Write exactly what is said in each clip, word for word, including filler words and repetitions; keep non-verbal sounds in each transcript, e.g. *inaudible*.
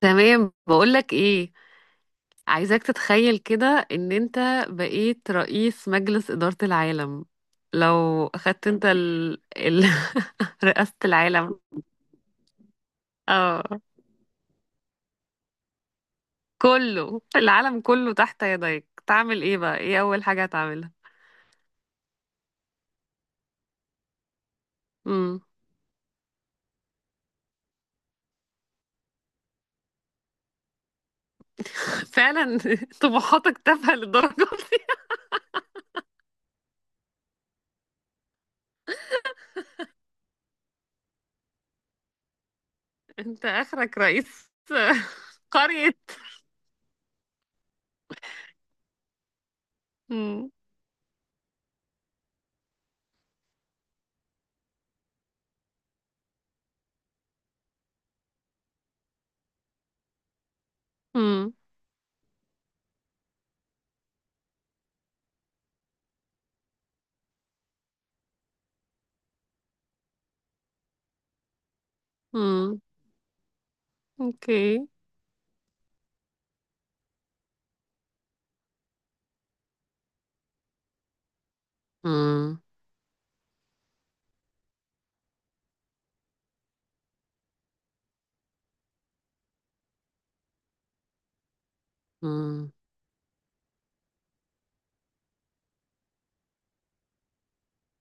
تمام، بقولك ايه. عايزاك تتخيل كده، ان انت بقيت رئيس مجلس إدارة العالم. لو اخدت انت ال... ال... *laughs* رئاسة العالم. اه، كله، العالم كله تحت يديك، تعمل ايه بقى؟ ايه اول حاجة هتعملها؟ امم. *laughs* فعلا؟ *laughs* طموحاتك تافهة للدرجة دي؟ *laughs* انت اخرك رئيس *laughs* قرية. امم. امم. امم. اوكي. امم.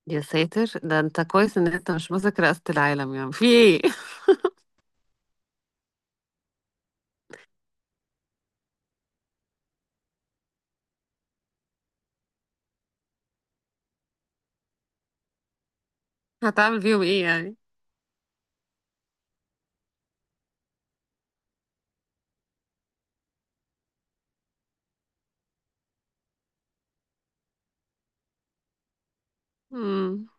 يا ساتر، ده انت كويس ان انت مش ماسك رئاسة العالم، يعني في ايه؟ *laughs* هتعمل فيهم ايه يعني؟ امم.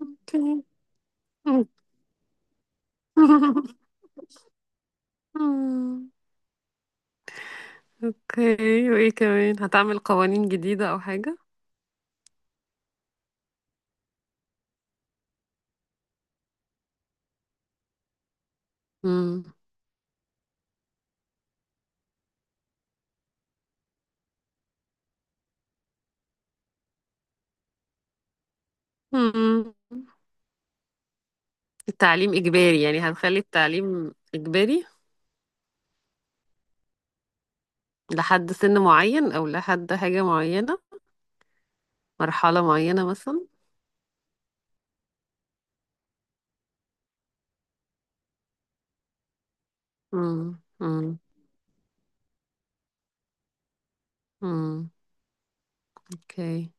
اوكي. *laughs* أمم. اوكي، وايه كمان؟ هتعمل قوانين جديدة او حاجة؟ امم. أمم. التعليم اجباري يعني؟ هنخلي التعليم اجباري لحد سن معين، او لحد حاجة معينة، مرحلة معينة مثلا. امم. امم. أمم. اوكي.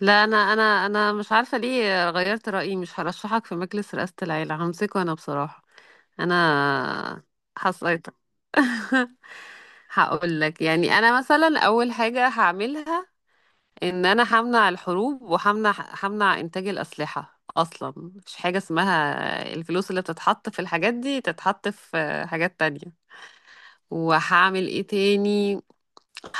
لا، انا انا انا مش عارفه ليه غيرت رايي، مش هرشحك في مجلس رئاسه العيله، همسكه انا بصراحه. انا حصيتك. *laughs* هقول لك، يعني انا مثلا اول حاجه هعملها ان انا همنع الحروب، وهمنع همنع انتاج الاسلحه اصلا. مش حاجه اسمها، الفلوس اللي بتتحط في الحاجات دي تتحط في حاجات تانية. وهعمل ايه تاني؟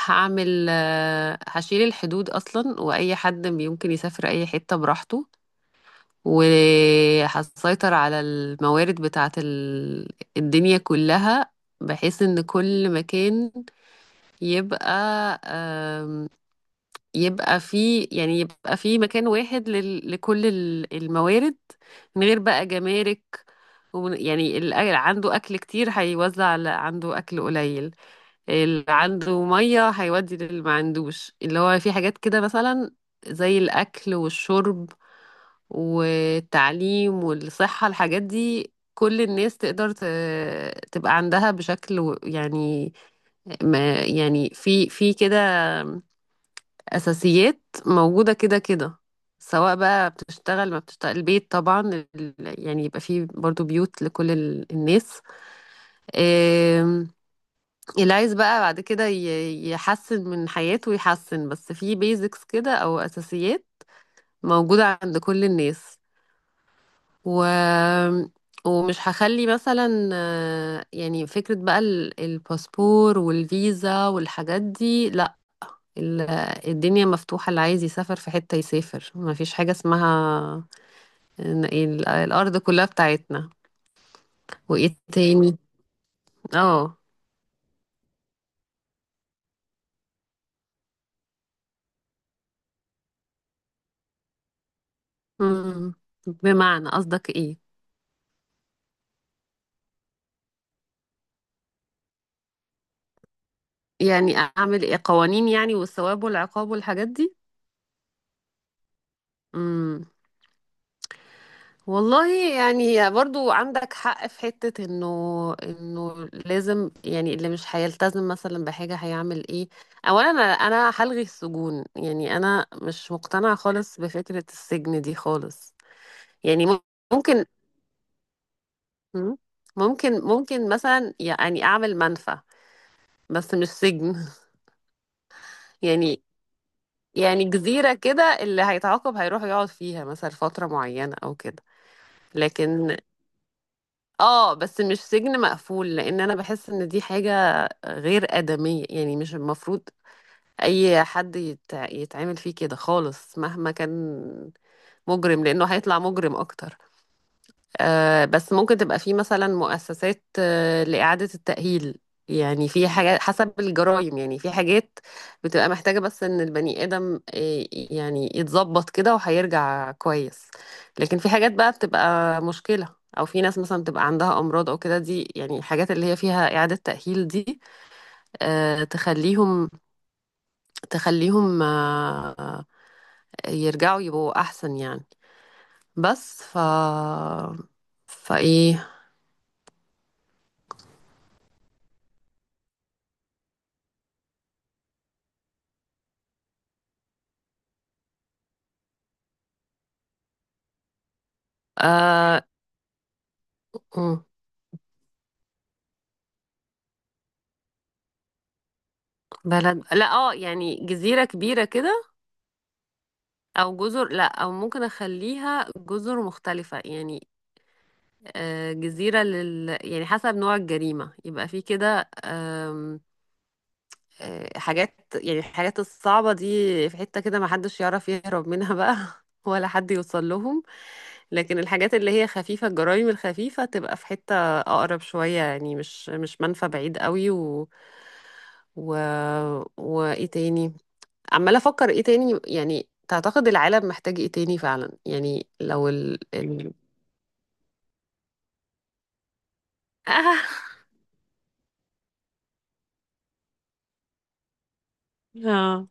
هعمل آه، هشيل الحدود اصلا، واي حد يمكن يسافر اي حته براحته. وهتسيطر على الموارد بتاعت ال- الدنيا كلها، بحيث ان كل مكان يبقى، آم، يبقى فيه، يعني يبقى فيه مكان واحد لل- لكل ال- الموارد، من غير بقى جمارك. ومن- يعني اللي عنده اكل كتير هيوزع على عنده اكل قليل، اللي عنده ميه هيودي للي ما عندوش، اللي هو في حاجات كده مثلا زي الاكل والشرب والتعليم والصحه. الحاجات دي كل الناس تقدر ت- تبقى عندها بشكل و- يعني، ما يعني في في كده اساسيات موجوده كده كده، سواء بقى بتشتغل ما بتشتغل. البيت طبعا، ال- يعني يبقى فيه برضو بيوت لكل ال- الناس. اللي عايز بقى بعد كده ي- يحسن من حياته يحسن، بس في بيزكس كده، او اساسيات موجودة عند كل الناس. و... ومش هخلي مثلا، آه، يعني فكرة بقى ال- الباسبور والفيزا والحاجات دي، لا. ال- الدنيا مفتوحة، اللي عايز يسافر في حتة يسافر، ما فيش حاجة اسمها إن- ال- الارض كلها بتاعتنا. وايه تاني؟ اه. مم. بمعنى، قصدك ايه؟ يعني اعمل ايه قوانين يعني؟ والثواب والعقاب والحاجات دي؟ امم. والله، يعني برضو عندك حق في حتة انه انه لازم، يعني اللي مش هيلتزم مثلا بحاجة هيعمل ايه. اولا، انا أنا هلغي السجون، يعني انا مش مقتنعة خالص بفكرة السجن دي خالص. يعني مم- ممكن. مم. ممكن ممكن مثلا، يعني اعمل منفى، بس مش سجن. *laughs* يعني يعني جزيرة كده، اللي هيتعاقب هيروح يقعد فيها مثلا فترة معينة او كده. لكن اه بس مش سجن مقفول، لان انا بحس ان دي حاجة غير آدمية، يعني مش المفروض اي حد يتع... يتعامل فيه كده خالص مهما كان مجرم، لانه هيطلع مجرم اكتر. آه، بس ممكن تبقى في مثلا مؤسسات آه، لإعادة التأهيل. يعني في حاجات حسب الجرائم، يعني في حاجات بتبقى محتاجة بس إن البني آدم آه، يعني يتظبط كده وهيرجع كويس. لكن في حاجات بقى بتبقى مشكلة، أو في ناس مثلا بتبقى عندها أمراض أو كده، دي يعني الحاجات اللي هي فيها إعادة تأهيل دي، آه، تخليهم، تخليهم آه، يرجعوا يبقوا أحسن يعني. بس ف فإيه؟ آه... بلد، لا، اه، يعني جزيرة كبيرة كده، او جزر، لا، او ممكن اخليها جزر مختلفة يعني. آه، جزيرة لل يعني حسب نوع الجريمة، يبقى في كده، آم، آه، حاجات، يعني الحاجات الصعبة دي في حتة كده ما حدش يعرف يهرب منها بقى، *laughs* ولا حد يوصل لهم. لكن الحاجات اللي هي خفيفة، الجرائم الخفيفة، تبقى في حتة اقرب شوية، يعني مش مش منفى بعيد قوي و و وايه تاني؟ عمالة أفكر إيه تاني، يعني تعتقد العالم محتاج إيه تاني فعلا؟ يعني لو ال ال *laughs* آه آه،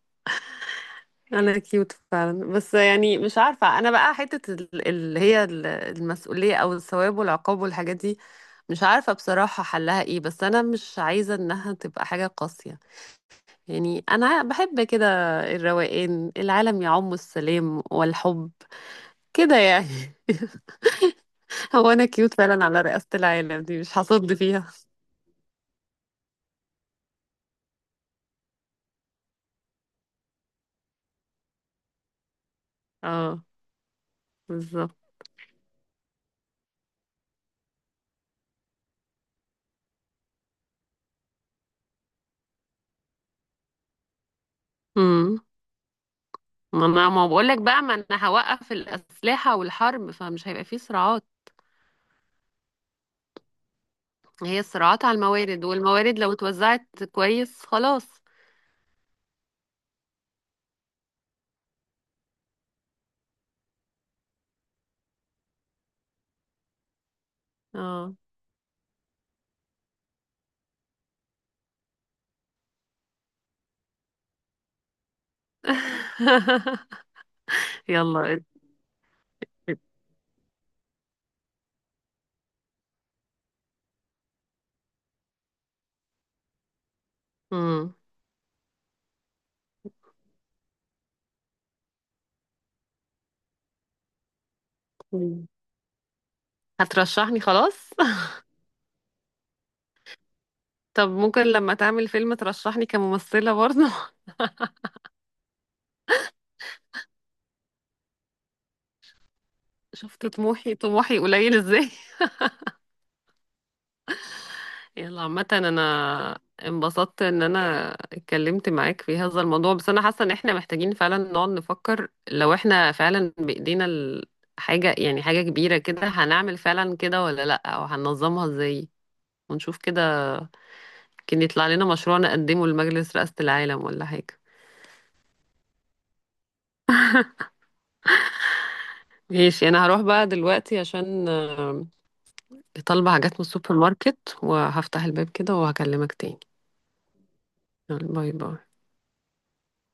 أنا كيوت فعلا، بس يعني مش عارفة أنا بقى حتة ال- اللي هي ال- المسؤولية أو الثواب والعقاب والحاجات دي. مش عارفة بصراحة حلها إيه، بس أنا مش عايزة إنها تبقى حاجة قاسية. يعني أنا بحب كده الروقان، العالم يعم السلام والحب كده يعني. *laughs* هو أنا كيوت فعلا على رئاسة العالم دي مش هصد فيها. اه، بالظبط. امم. ما انا ما بقول لك بقى، ما انا هوقف الاسلحه والحرب، فمش هيبقى فيه صراعات. هي الصراعات على الموارد، والموارد لو اتوزعت كويس خلاص. اه. *laughs* يلا. امم. هترشحني خلاص؟ *laughs* طب ممكن لما تعمل فيلم ترشحني كممثله برضه. *laughs* شفت طموحي، طموحي قليل ازاي. يلا، عامة انا انبسطت ان انا اتكلمت معاك في هذا الموضوع، بس انا حاسة ان احنا محتاجين فعلا نقعد نفكر لو احنا فعلا بايدينا ال- حاجة، يعني حاجة كبيرة كده، هنعمل فعلا كده ولا لا، او هننظمها ازاي، ونشوف كده، كان يطلع لنا مشروع نقدمه لمجلس رئاسة العالم ولا حاجة. ماشي، انا هروح بقى دلوقتي عشان آه، طالبة حاجات من السوبر ماركت، وهفتح الباب كده وهكلمك تاني. يلا، باي باي.